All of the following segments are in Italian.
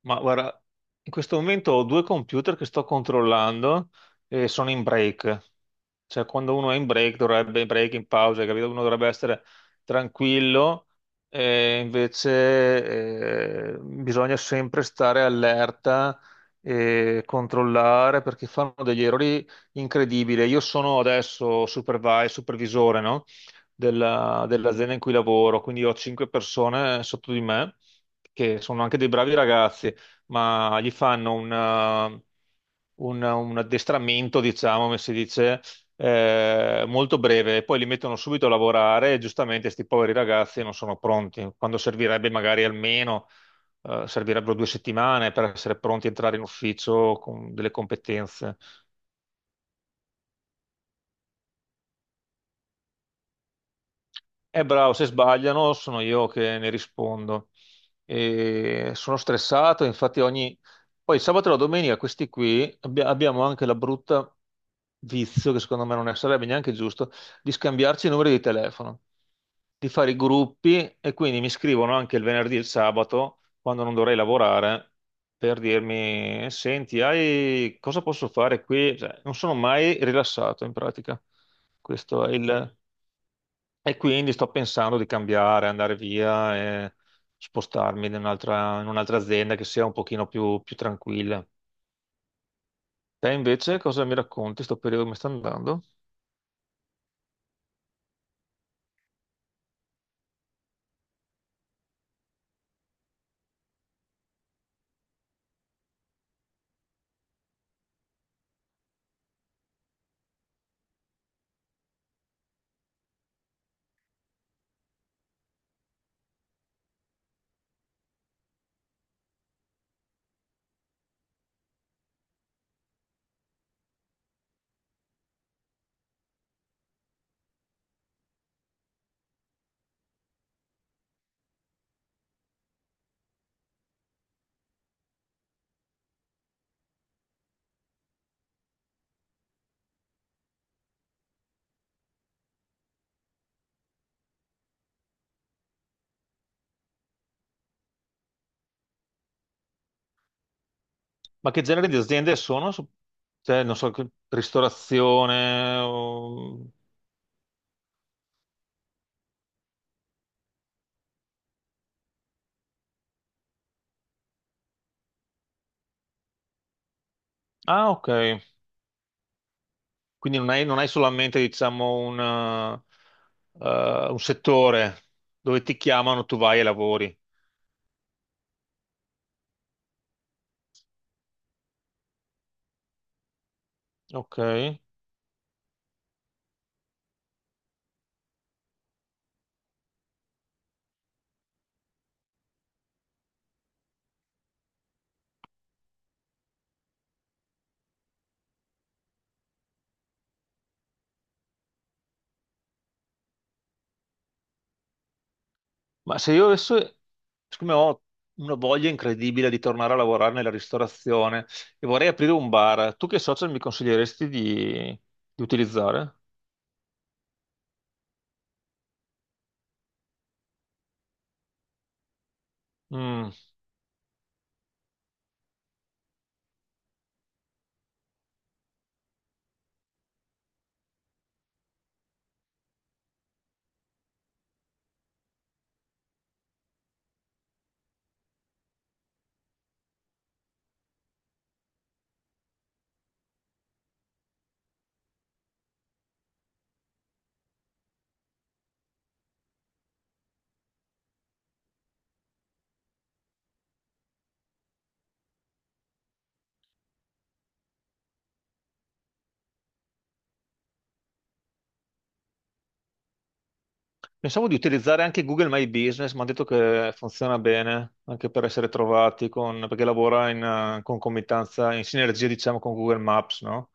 Ma guarda, in questo momento ho due computer che sto controllando e sono in break. Cioè, quando uno è in break, dovrebbe in break, in pausa, hai capito? Uno dovrebbe essere tranquillo, e invece bisogna sempre stare allerta e controllare perché fanno degli errori incredibili. Io sono adesso supervisore, no? Dell'azienda in cui lavoro, quindi ho cinque persone sotto di me che sono anche dei bravi ragazzi, ma gli fanno un addestramento, diciamo, come si dice molto breve, e poi li mettono subito a lavorare e giustamente questi poveri ragazzi non sono pronti, quando servirebbe magari almeno, servirebbero 2 settimane per essere pronti a entrare in ufficio con delle competenze. Bravo, se sbagliano sono io che ne rispondo. E sono stressato, infatti ogni. Poi sabato e la domenica questi qui abbiamo anche la brutta vizio, che secondo me non sarebbe neanche giusto, di scambiarci i numeri di telefono, di fare i gruppi e quindi mi scrivono anche il venerdì e il sabato, quando non dovrei lavorare, per dirmi, senti, hai. Cosa posso fare qui? Cioè, non sono mai rilassato in pratica. Questo è il. E quindi sto pensando di cambiare, andare via e spostarmi in un'altra azienda che sia un pochino più tranquilla. Te invece cosa mi racconti? Sto periodo come sta andando? Ma che genere di aziende sono? Cioè, non so, ristorazione. Ah, ok. Quindi non hai solamente, diciamo, un settore dove ti chiamano, tu vai e lavori. Ok. Ma se io adesso, siccome ho una voglia incredibile di tornare a lavorare nella ristorazione e vorrei aprire un bar, tu che social mi consiglieresti di, utilizzare? Mm. Pensavo di utilizzare anche Google My Business, mi hanno detto che funziona bene anche per essere trovati, perché lavora in concomitanza, in sinergia diciamo con Google Maps, no?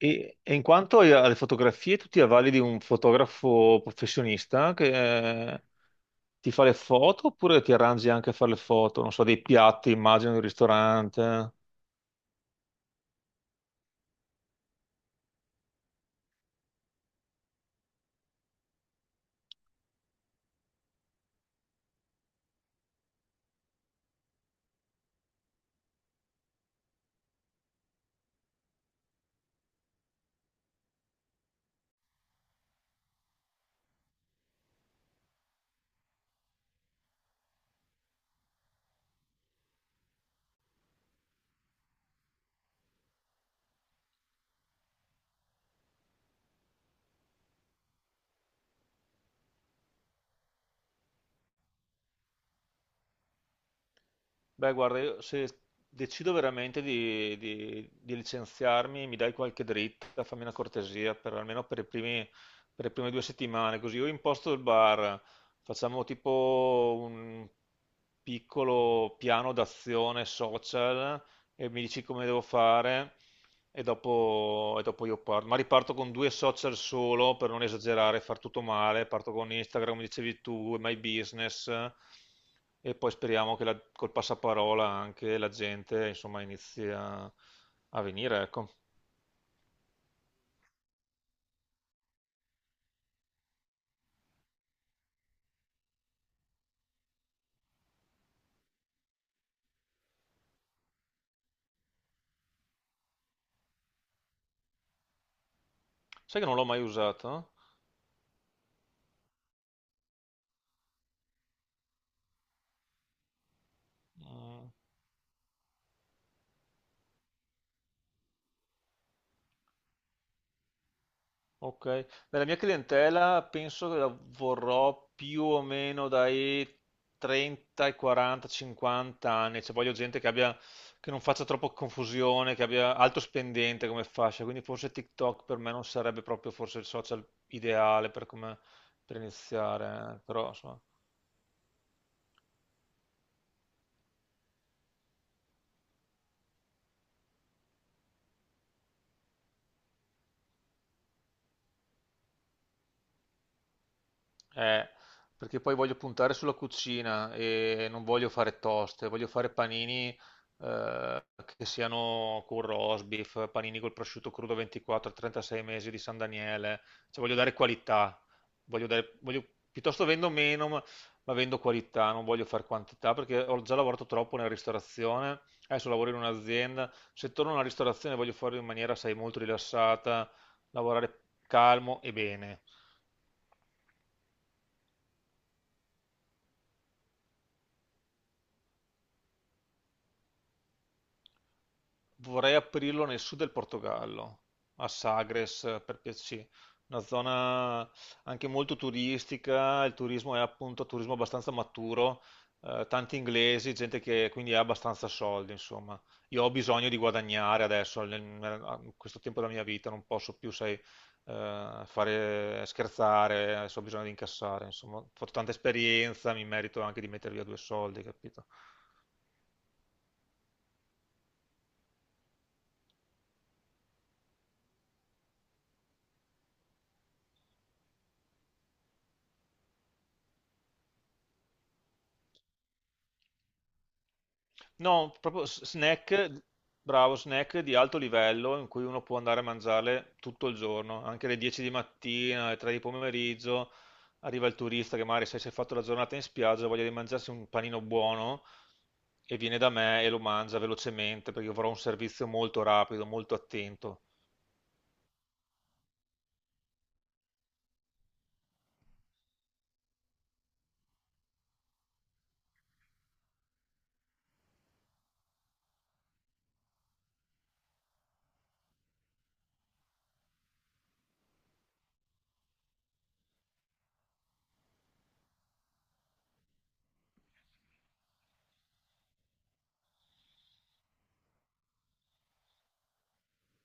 E in quanto alle fotografie, tu ti avvali di un fotografo professionista che, ti fa le foto oppure ti arrangi anche a fare le foto? Non so, dei piatti, immagino, di un ristorante. Beh, guarda, io se decido veramente di licenziarmi, mi dai qualche dritta, fammi una cortesia, per, almeno per le prime 2 settimane, così io imposto il bar, facciamo tipo un piccolo piano d'azione social e mi dici come devo fare. E dopo io parto. Ma riparto con due social solo per non esagerare, far tutto male. Parto con Instagram, come dicevi tu, e My Business e poi speriamo che col passaparola anche la gente insomma inizi a venire, ecco. Sai che non l'ho mai usato? Mm. Ok, nella mia clientela penso che la vorrò più o meno dai 30 ai 40, 50 anni, cioè voglio gente che abbia, che non faccia troppo confusione, che abbia alto spendente come fascia, quindi forse TikTok per me non sarebbe proprio forse il social ideale per iniziare, eh. Però insomma, eh, perché poi voglio puntare sulla cucina e non voglio fare toste, voglio fare panini, eh, che siano curro, osbif, panini col prosciutto crudo 24, 36 mesi di San Daniele, cioè voglio dare qualità, voglio dare, voglio- piuttosto vendo meno, ma vendo qualità, non voglio fare quantità perché ho già lavorato troppo nella ristorazione, adesso lavoro in un'azienda, se torno alla ristorazione voglio farlo in maniera, sai, molto rilassata, lavorare calmo e bene. Vorrei aprirlo nel sud del Portogallo, a Sagres per piacere, una zona anche molto turistica, il turismo è appunto un turismo abbastanza maturo, tanti inglesi, gente che quindi ha abbastanza soldi, insomma. Io ho bisogno di guadagnare adesso, a questo tempo della mia vita, non posso più, sai, fare scherzare, adesso ho bisogno di incassare, insomma, ho fatto tanta esperienza, mi merito anche di mettere via due soldi, capito? No, proprio snack, bravo, snack di alto livello in cui uno può andare a mangiarle tutto il giorno, anche alle 10 di mattina, alle 3 di pomeriggio, arriva il turista che magari se si è fatto la giornata in spiaggia ha voglia di mangiarsi un panino buono e viene da me e lo mangia velocemente perché io avrò un servizio molto rapido, molto attento.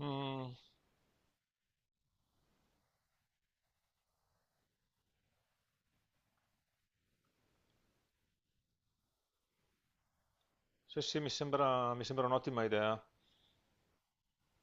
Mm, sì, sì, mi sembra un'ottima idea.